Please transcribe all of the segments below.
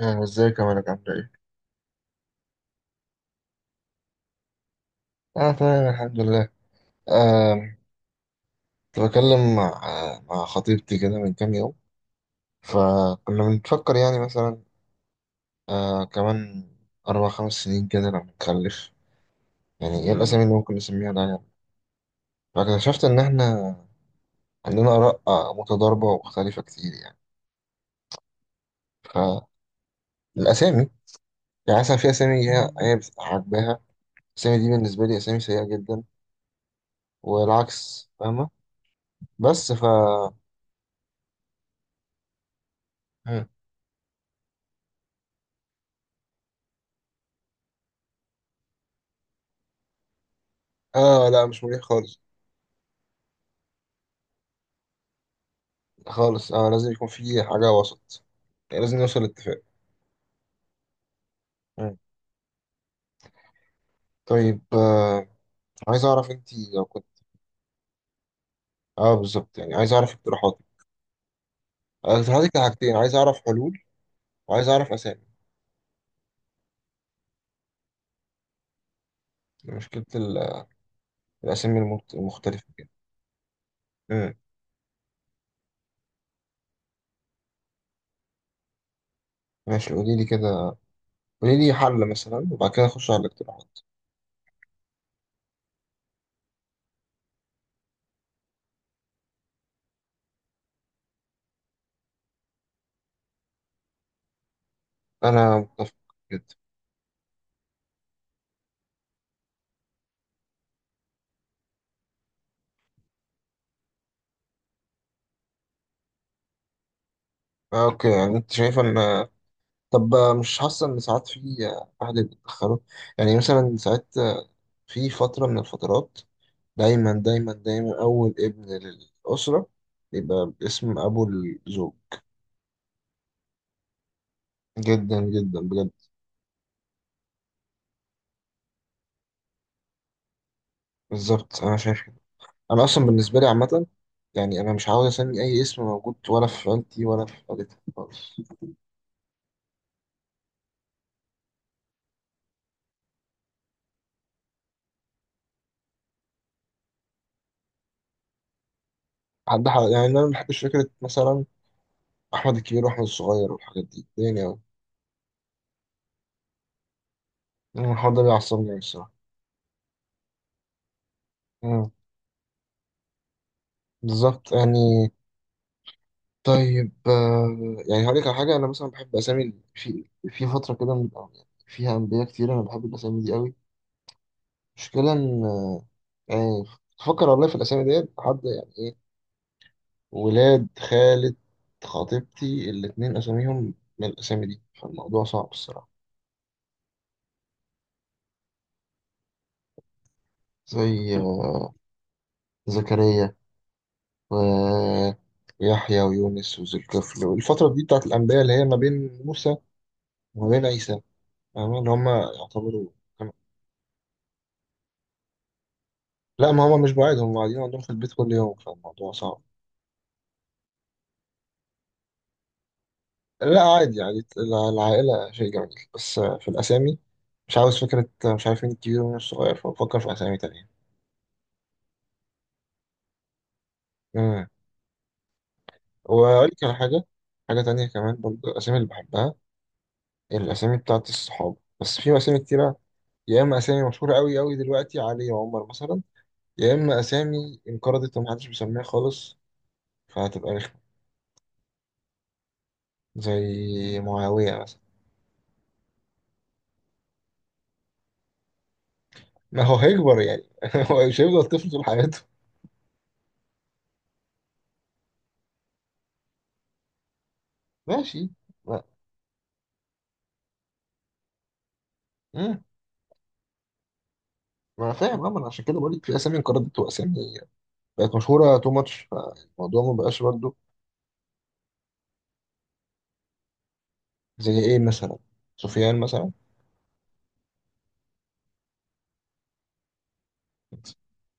ازيك يا مالك عامل ايه؟ اه، تمام الحمد لله. آه، كنت بكلم مع خطيبتي كده من كام يوم، فكنا بنفكر يعني مثلا كمان أربع خمس سنين كده لما نخلف. يعني ايه الأسامي اللي ممكن نسميها ده يعني. فاكتشفت إن احنا عندنا آراء متضاربة ومختلفة كتير يعني. فالأسامي يعني مثلا في أسامي هي عاجباها. الأسامي دي بالنسبة لي أسامي سيئة جدا، والعكس، فاهمة؟ بس ف... مم. اه، لا مش مريح خالص. خالص، اه، لازم يكون في حاجة وسط، يعني لازم نوصل لاتفاق. مم. طيب عايز اعرف انت لو كنت. اه بالظبط، يعني عايز اعرف اقتراحاتك. اقتراحاتي كان حاجتين، عايز اعرف حلول وعايز اعرف اسامي، يعني مشكلة الاسامي المختلفة كده. مم. ماشي قولي لي كده، قولي لي حل مثلا وبعد كده اخش على الاقتراحات. انا متفق جدا. اوكي، يعني انت شايف ان... طب مش حاسة ان ساعات في اهل بيتدخلوا، يعني مثلا ساعات في فترة من الفترات دايما دايما دايما أول ابن للأسرة يبقى باسم أبو الزوج. جدا جدا بجد، بالظبط أنا شايف كده. أنا أصلا بالنسبة لي عامة، يعني أنا مش عاوز أسمي أي اسم موجود ولا في عيلتي ولا في عيلتي خالص. يعني أنا ما بحبش فكرة مثلا أحمد الكبير وأحمد الصغير والحاجات دي، يعني أوي. أنا الحوار ده بيعصبني أوي الصراحة. أمم، بالظبط يعني. طيب يعني هقول لك على حاجة. أنا مثلا بحب أسامي في فترة كده أو يعني فيها أنبياء كتير، أنا بحب الأسامي دي أوي. مشكلة إن، يعني تفكر والله في الأسامي ديت حد يعني إيه. ولاد خالة خطيبتي الاتنين أساميهم من الأسامي دي، فالموضوع صعب الصراحة. زي زكريا ويحيى ويونس وذو الكفل، والفترة دي بتاعت الأنبياء اللي هي ما بين موسى وما بين عيسى، فاهمة اللي هما يعتبروا كانوا- لا، ما هما مش بعيد، هما قاعدين عندهم في البيت كل يوم، فالموضوع صعب. لا عادي، يعني العائلة شيء جميل، بس في الأسامي مش عاوز فكرة مش عارفين الكبير ومين الصغير، فبفكر في أسامي تانية. مم. وأقول لك على حاجة، حاجة تانية كمان برضه، الأسامي اللي بحبها الأسامي بتاعت الصحاب، بس في أسامي كتيرة. يا إما أسامي مشهورة أوي أوي دلوقتي علي وعمر مثلا، يا إما أسامي انقرضت ومحدش بيسميها خالص فهتبقى رخمة، زي معاوية مثلا. ما هو هيكبر يعني هو مش هيفضل طفل طول حياته. ماشي، لا، ما انا فاهم، اه، ما انا عشان كده بقول لك في اسامي انقرضت واسامي بقت مشهوره تو ماتش، فالموضوع ما بقاش برضه. زي ايه مثلا؟ سفيان مثلا.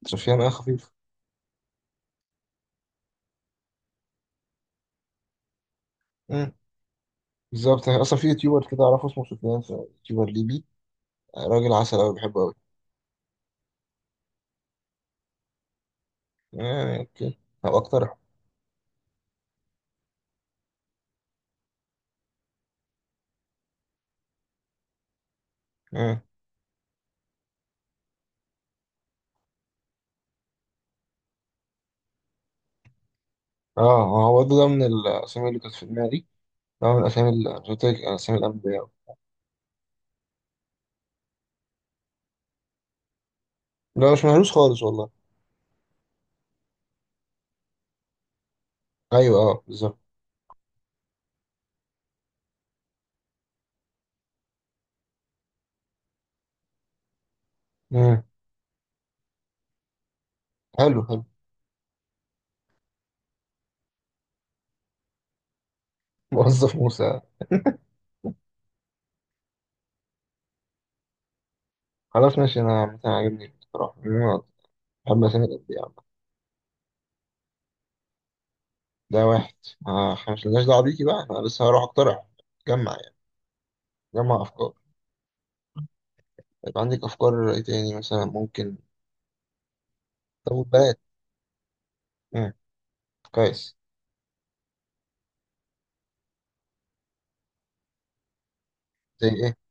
سفيان خفيف. مم. بالظبط، يعني اصلا في يوتيوبر كده اعرفه اسمه سفيان، يوتيوبر ليبي، راجل عسل قوي بحبه قوي. آه، اوكي، هبقى اقترحه. اه اه هو ده، من الاسامي اللي كانت في دماغي، ده من الاسامي اللي قلت لك اسامي الانبياء. لا، مش مهروس خالص والله. ايوه اه بالظبط. مم. حلو حلو. موظف موسى. خلاص ماشي، انا عامة عاجبني بصراحه. أما سنة قد إيه يا عم؟ ده واحد. إحنا مش لناش دعوة بيكي بقى، أنا لسه هروح أقترح. جمع يعني، جمع أفكار. يبقى عندك أفكار إيه تاني مثلا ممكن؟ طب بلد، كويس. زي إيه؟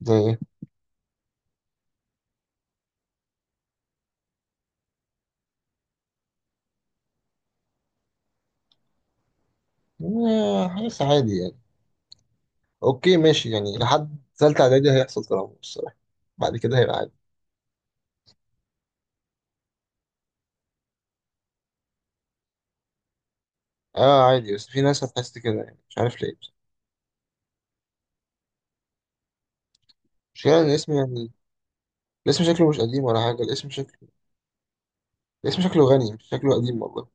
زي إيه؟ حاجات عادي يعني. أوكي ماشي، يعني لحد تالتة إعدادي هيحصل تنمر الصراحة، بعد كده هيبقى عادي. آه، عادي، بس في ناس هتحس كده يعني مش عارف ليه بس. المشكلة إن الاسم، يعني الاسم شكله مش قديم ولا حاجة، الاسم شكله... الاسم شكله غني مش شكله قديم والله.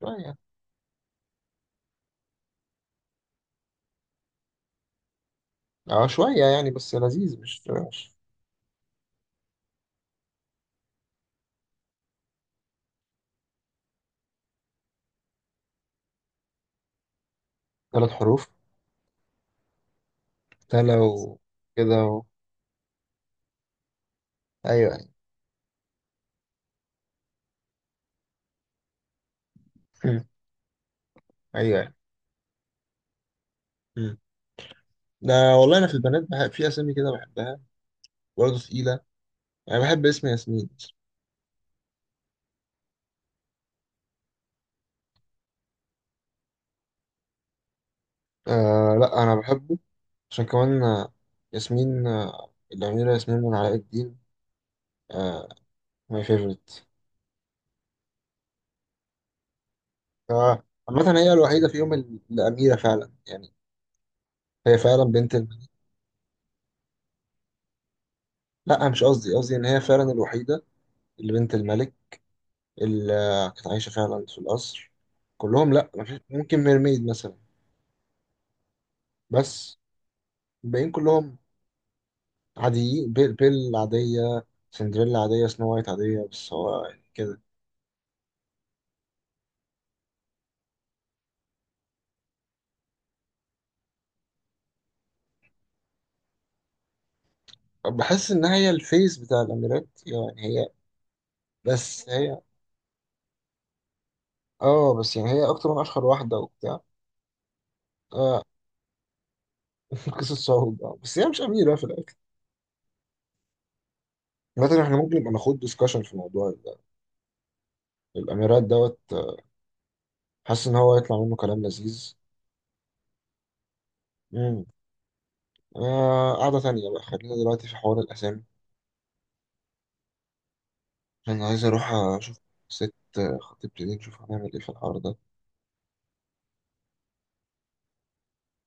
شوية. آه شوية يعني، بس لذيذ مش. 3 حروف. ده لو كده اهو. ايوه ايوه. مم. ايوه ايوه. مم. ده والله انا في البنات بحب في اسامي كده بحبها، برضه تقيله. انا بحب اسم ياسمين. آه، لا انا بحبه عشان كمان ياسمين الاميره ياسمين من علاء الدين. آه ماي فيفورت. آه، عامة هي الوحيده فيهم الاميره فعلا يعني، هي فعلا بنت الملك. لا مش قصدي، قصدي ان هي فعلا الوحيده اللي بنت الملك، اللي كانت عايشه فعلا في القصر. كلهم، لا، ممكن ميرميد مثلا، بس الباقيين كلهم عاديين. بيل عادية، سندريلا عادية، سنو وايت عادية، بس هو يعني كده. بحس إن هي الفيس بتاع الأميرات، يعني هي، بس هي. اه. بس يعني هي أكتر من أشهر واحدة وبتاع. قصة صعود، بس هي مش أميرة في الأكل. مثلا احنا ممكن نبقى ناخد ديسكشن في الموضوع ده، الأميرات دوت حاسس إن هو يطلع منه كلام لذيذ. امم. قعدة تانية بقى، خلينا دلوقتي في حوار الأسامي. أنا عايز أروح أشوف ست خطيبتي دي، نشوف هنعمل إيه في الحوار ده.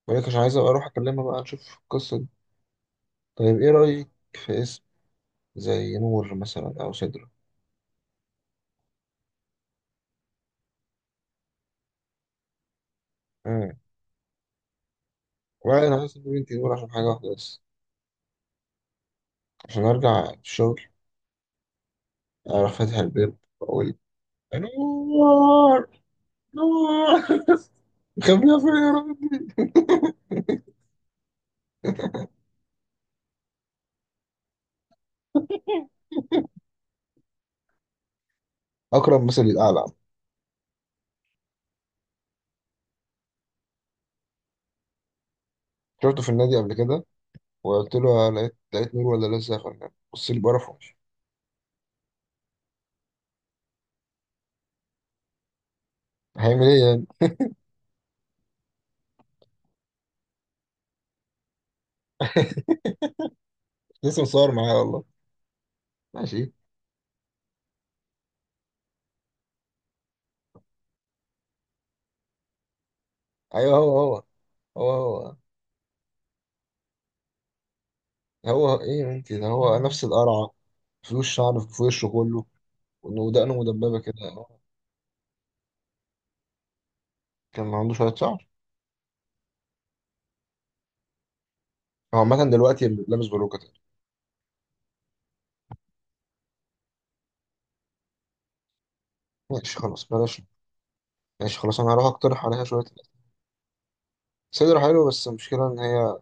بقولك عشان عايز أبقى أروح أكلمها بقى نشوف القصة دي. طيب إيه رأيك في اسم زي نور مثلا أو سدرة؟ مم. ولا أنا عايز أسيب بنتي نور عشان حاجة واحدة بس، عشان أرجع الشغل أروح فاتح الباب وأقول نور، نور، مخبيها فين يا ربي؟ أكرم مثل الأعلى. شفته في النادي قبل كده وقلت له: لقيت نور ولا لسه يا فنان؟ بص لي بقرف ومشي. هيعمل إيه يعني؟ لسه مصور معايا والله. ماشي. أيوه هو هو، هو هو. هو إيه يا بنتي، ده هو نفس القرعة، في وش شعر في وشه كله ودقنه مدببه كده. كان عنده شويه شعر. هو عامه دلوقتي لابس بلوكه تاني. ماشي خلاص بلاش. ماشي خلاص، انا هروح اقترح عليها شويه أسئلة. صدر حلو، بس المشكله ان هي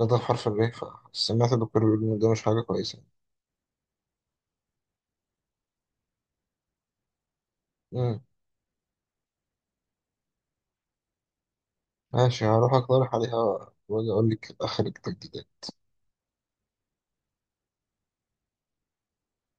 جت حرف الري، فسمعت الدكتور بيقول ان ده مش حاجه كويسه. امم. ماشي، هروح اقترح عليها واجي اقول لك اخر التجديد.